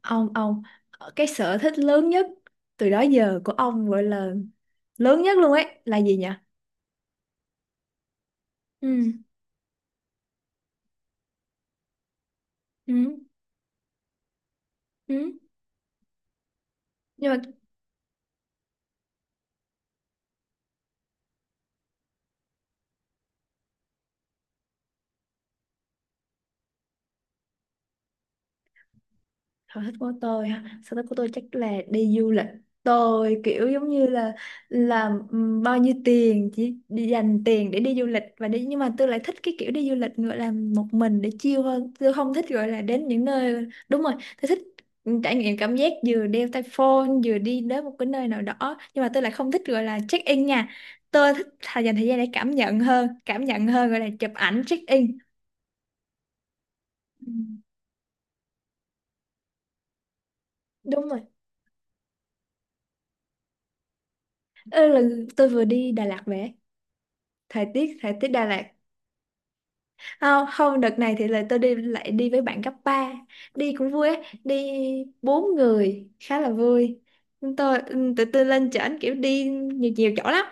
Ông cái sở thích lớn nhất từ đó giờ của ông gọi là lớn nhất luôn ấy là gì nhỉ? Ừ. Ừ. Ừ. Nhưng mà sở thích của tôi ha, sở thích của tôi chắc là đi du lịch. Tôi kiểu giống như là làm bao nhiêu tiền chỉ đi dành tiền để đi du lịch và đi, nhưng mà tôi lại thích cái kiểu đi du lịch gọi là một mình để chill hơn. Tôi không thích gọi là đến những nơi, đúng rồi. Tôi thích trải nghiệm cảm giác vừa đeo tai phone vừa đi đến một cái nơi nào đó, nhưng mà tôi lại không thích gọi là check in nha. Tôi thích thà dành thời gian để cảm nhận hơn, gọi là chụp ảnh check in. Ừ, đúng rồi. Ơ, là tôi vừa đi Đà Lạt về. Thời tiết Đà Lạt. Không, không, đợt này thì là tôi đi lại đi với bạn cấp ba, đi cũng vui á. Đi bốn người khá là vui. Tụi tôi lên trển kiểu đi nhiều nhiều chỗ lắm,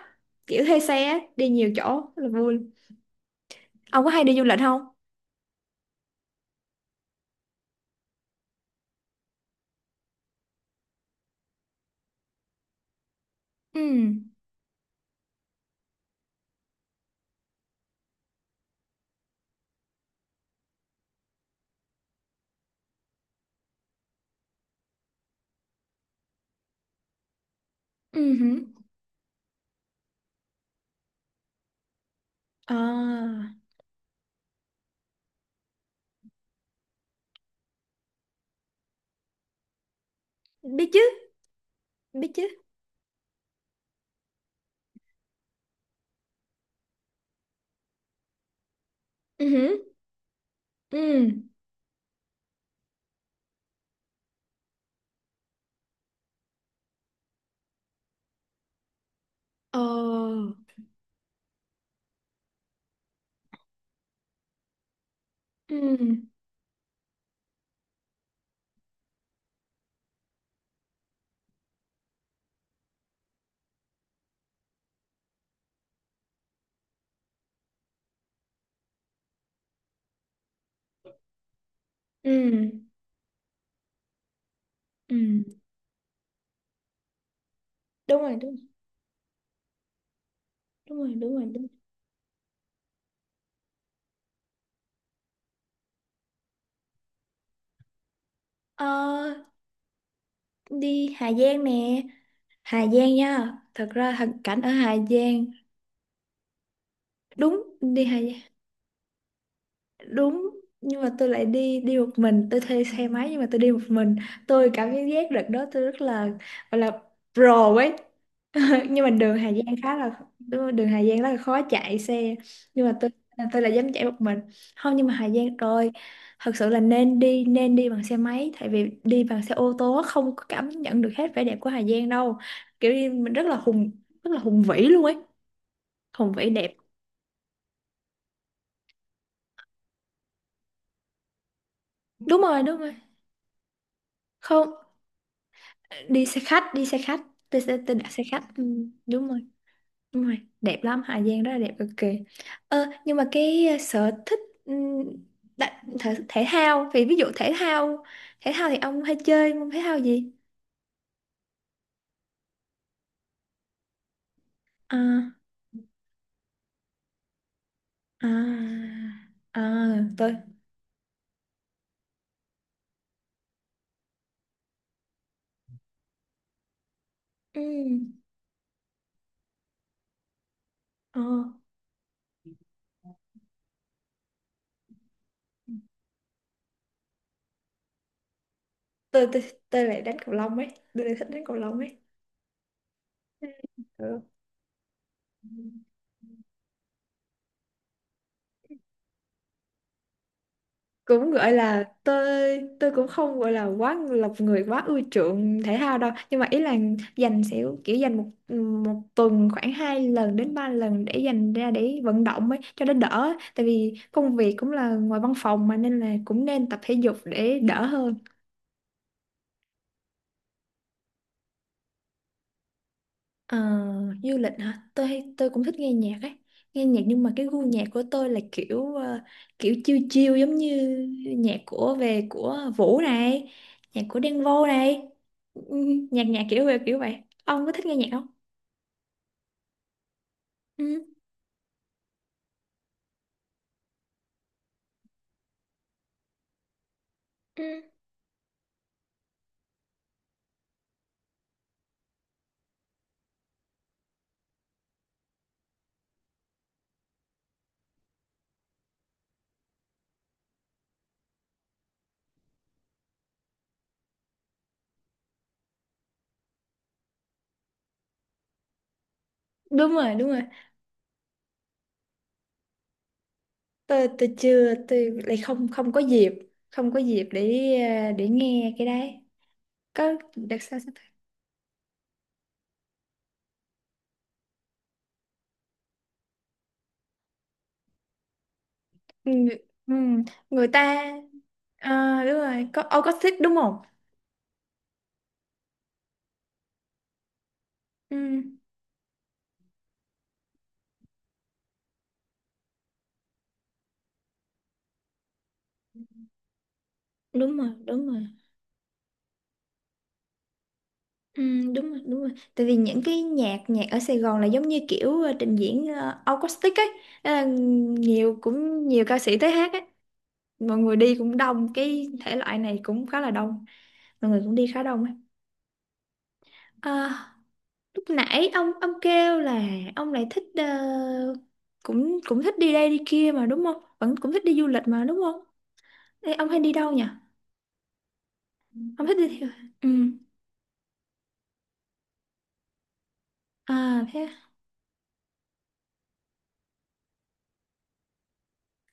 kiểu thuê xe á, đi nhiều chỗ rất là vui. Ông có hay đi du lịch không? Ừ. Ừ hử. À, biết chứ. Biết chứ. Ừ hử. Ừ. Ờ. Ừ. Ừ. Ừ. Đúng rồi, đúng rồi, đúng rồi, đúng rồi, đúng rồi. Ờ, đi Hà Giang nè. Hà Giang nha, thật ra thằng cảnh ở Hà Giang. Đúng. Đi Hà Giang. Đúng. Nhưng mà tôi lại đi đi một mình. Tôi thuê xe máy nhưng mà tôi đi một mình. Tôi cảm giác đợt đó tôi rất là, gọi là pro ấy. Nhưng mà đường Hà Giang khá là, đúng rồi, đường Hà Giang rất là khó chạy xe. Nhưng mà tôi là dám chạy một mình. Không, nhưng mà Hà Giang rồi, thật sự là nên đi bằng xe máy, tại vì đi bằng xe ô tô á, không có cảm nhận được hết vẻ đẹp của Hà Giang đâu. Kiểu như mình rất là hùng vĩ luôn ấy, không phải đẹp. Đúng rồi, đúng rồi. Không, đi xe khách, đi xe khách. Tôi đặt xe khách, ừ. Đúng rồi, đúng rồi, đẹp lắm, Hà Giang rất là đẹp cực kỳ. Nhưng mà cái, sở thích, ừ, thể thao, ví dụ thể thao. Thể thao thì ông hay chơi môn thể thao gì? À, à, à, tôi ừ, ờ, tôi tôi lại đánh cầu lông ấy. Tôi lại thích đánh cầu lông ấy. Ừ. Cũng gọi là tôi cũng không gọi là quá lọc người, quá ưa chuộng thể thao đâu, nhưng mà ý là dành sẽ kiểu dành một một tuần khoảng hai lần đến ba lần để dành ra để vận động ấy cho nó đỡ, tại vì công việc cũng là ngoài văn phòng mà nên là cũng nên tập thể dục để đỡ hơn. Ờ, du lịch hả? Tôi cũng thích nghe nhạc ấy. Nghe nhạc, nhưng mà cái gu nhạc của tôi là kiểu, kiểu chill chill, giống như nhạc của về của Vũ này, nhạc của Đen Vâu này. Ừ, Nhạc nhạc kiểu kiểu vậy. Ông có thích nghe nhạc không? Ừ. Ừ. Đúng rồi, đúng rồi. Tôi chưa, tôi lại không không có dịp, không có dịp để để nghe cái đấy. Có đặc sao sao? Ừ, ừ, người ta. Ờ, đúng rồi, có ông có thích đúng không? Ừ. Đúng rồi, đúng rồi. Ừ, đúng rồi, đúng rồi, tại vì những cái nhạc nhạc ở Sài Gòn là giống như kiểu, trình diễn, acoustic ấy. Ờ, nhiều cũng nhiều ca sĩ tới hát ấy. Mọi người đi cũng đông, cái thể loại này cũng khá là đông, mọi người cũng đi khá đông ấy. Ờ, lúc nãy ông kêu là ông lại thích, cũng cũng thích đi đây đi kia mà đúng không, vẫn cũng thích đi du lịch mà đúng không? Ê, ông hay đi đâu nhỉ? Ông thích đi theo- Ừ. À, thế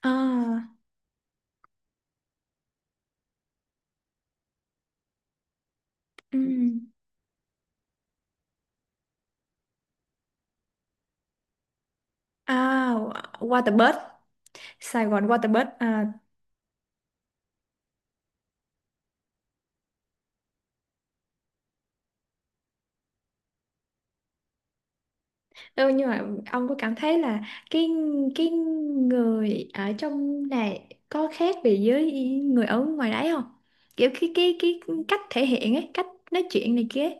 à. Ừ. À, Waterbird, Sài Gòn Waterbird. À, ừ, nhưng mà ông có cảm thấy là cái cái người ở trong này có khác biệt với người ở ngoài đấy không? Kiểu cái cách thể hiện ấy, cách nói chuyện này kia ấy.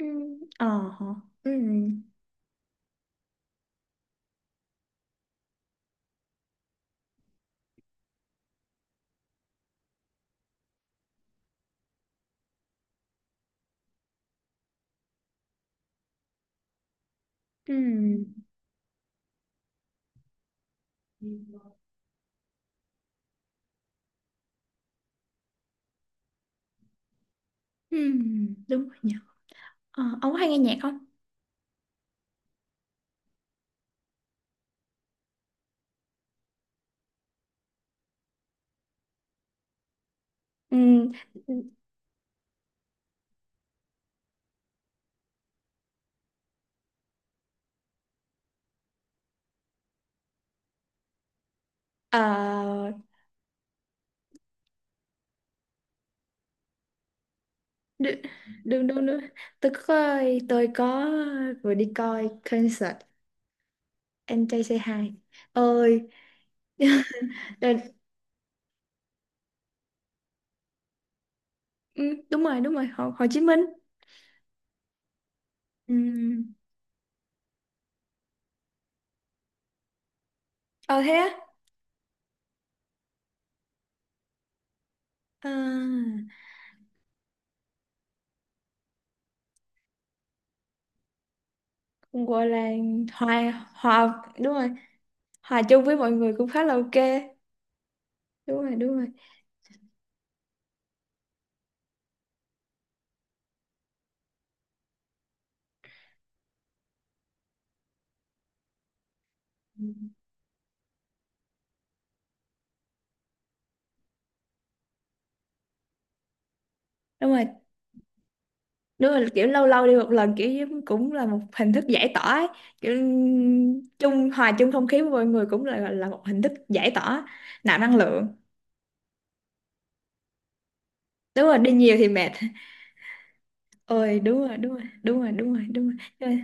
Ừ, ờ, hả? Ừ, ừ, ừ, đúng rồi nhỉ. Ờ, ông có hay nghe nhạc không? Ừ, ờ, đ- đúng đúng đúng. Tôi có, tôi có, vừa đi coi concert anh trai Say Hi ơi. Đợt- ừ, đúng rồi, đúng rồi, Hồ Chí Minh. Ừ. Ờ, thế á? À, cũng gọi là hòa hòa, đúng rồi, hòa chung với mọi người cũng khá là ok. Đúng rồi, đúng rồi. Ừ. Đúng rồi, đúng rồi, kiểu lâu lâu đi một lần, cũng là một hình thức giải tỏa ấy. Kiểu hòa chung không khí với mọi người cũng là một hình thức giải tỏa, nạp năng lượng. Đúng rồi, đi nhiều thì mệt. Ôi đúng rồi, đúng rồi, đúng rồi, đúng rồi, đúng rồi, đúng rồi.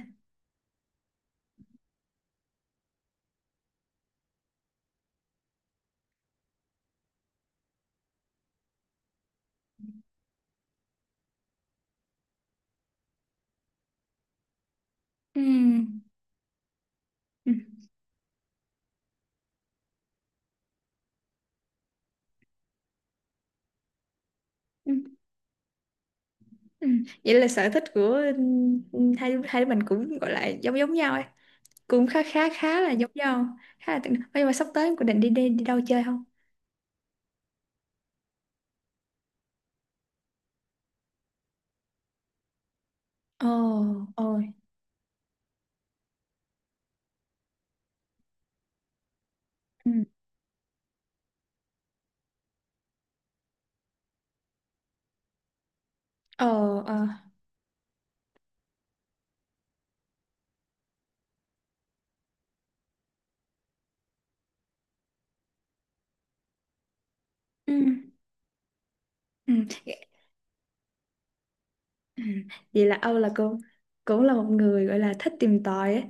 Ừ. Ừ, ừ. Vậy là sở thích của, ừ, hai hai đứa mình cũng gọi là giống giống nhau ấy, cũng khá khá khá là giống nhau, khá là tương- Ơ, nhưng mà sắp tới em có định đi đi đi đâu chơi không? Ồ. Ồ. Ừ. Ờ. Ờ. Ừ. Ừ. Ừ. Vậy là Âu là cô cũng là một người gọi là thích tìm tòi ấy.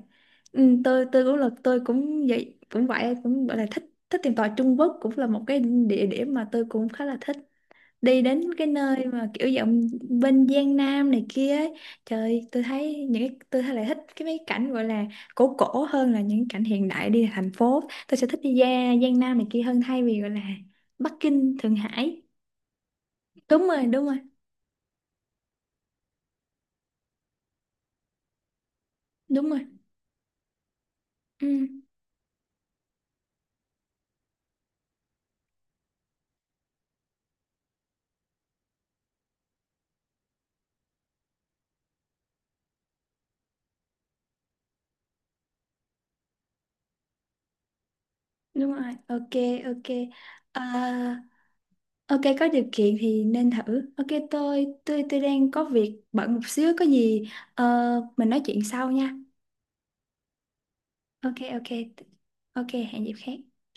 Ừ, tôi cũng là, tôi cũng vậy, cũng vậy, cũng gọi là thích, thích tìm tòi. Trung Quốc cũng là một cái địa điểm mà tôi cũng khá là thích, đi đến cái nơi mà kiểu giọng bên Giang Nam này kia ấy. Trời, tôi thấy lại thích cái mấy cảnh gọi là cổ cổ hơn là những cảnh hiện đại đi thành phố. Tôi sẽ thích đi ra Giang Nam này kia hơn thay vì gọi là Bắc Kinh Thượng Hải. Đúng rồi, đúng rồi. Đúng rồi. Ừ, đúng rồi, ok, ok. Ờ, ok có điều kiện thì nên thử, ok tôi đang có việc bận một xíu, có gì ờ, mình nói chuyện sau nha. Ok, ok, ok, hẹn dịp khác.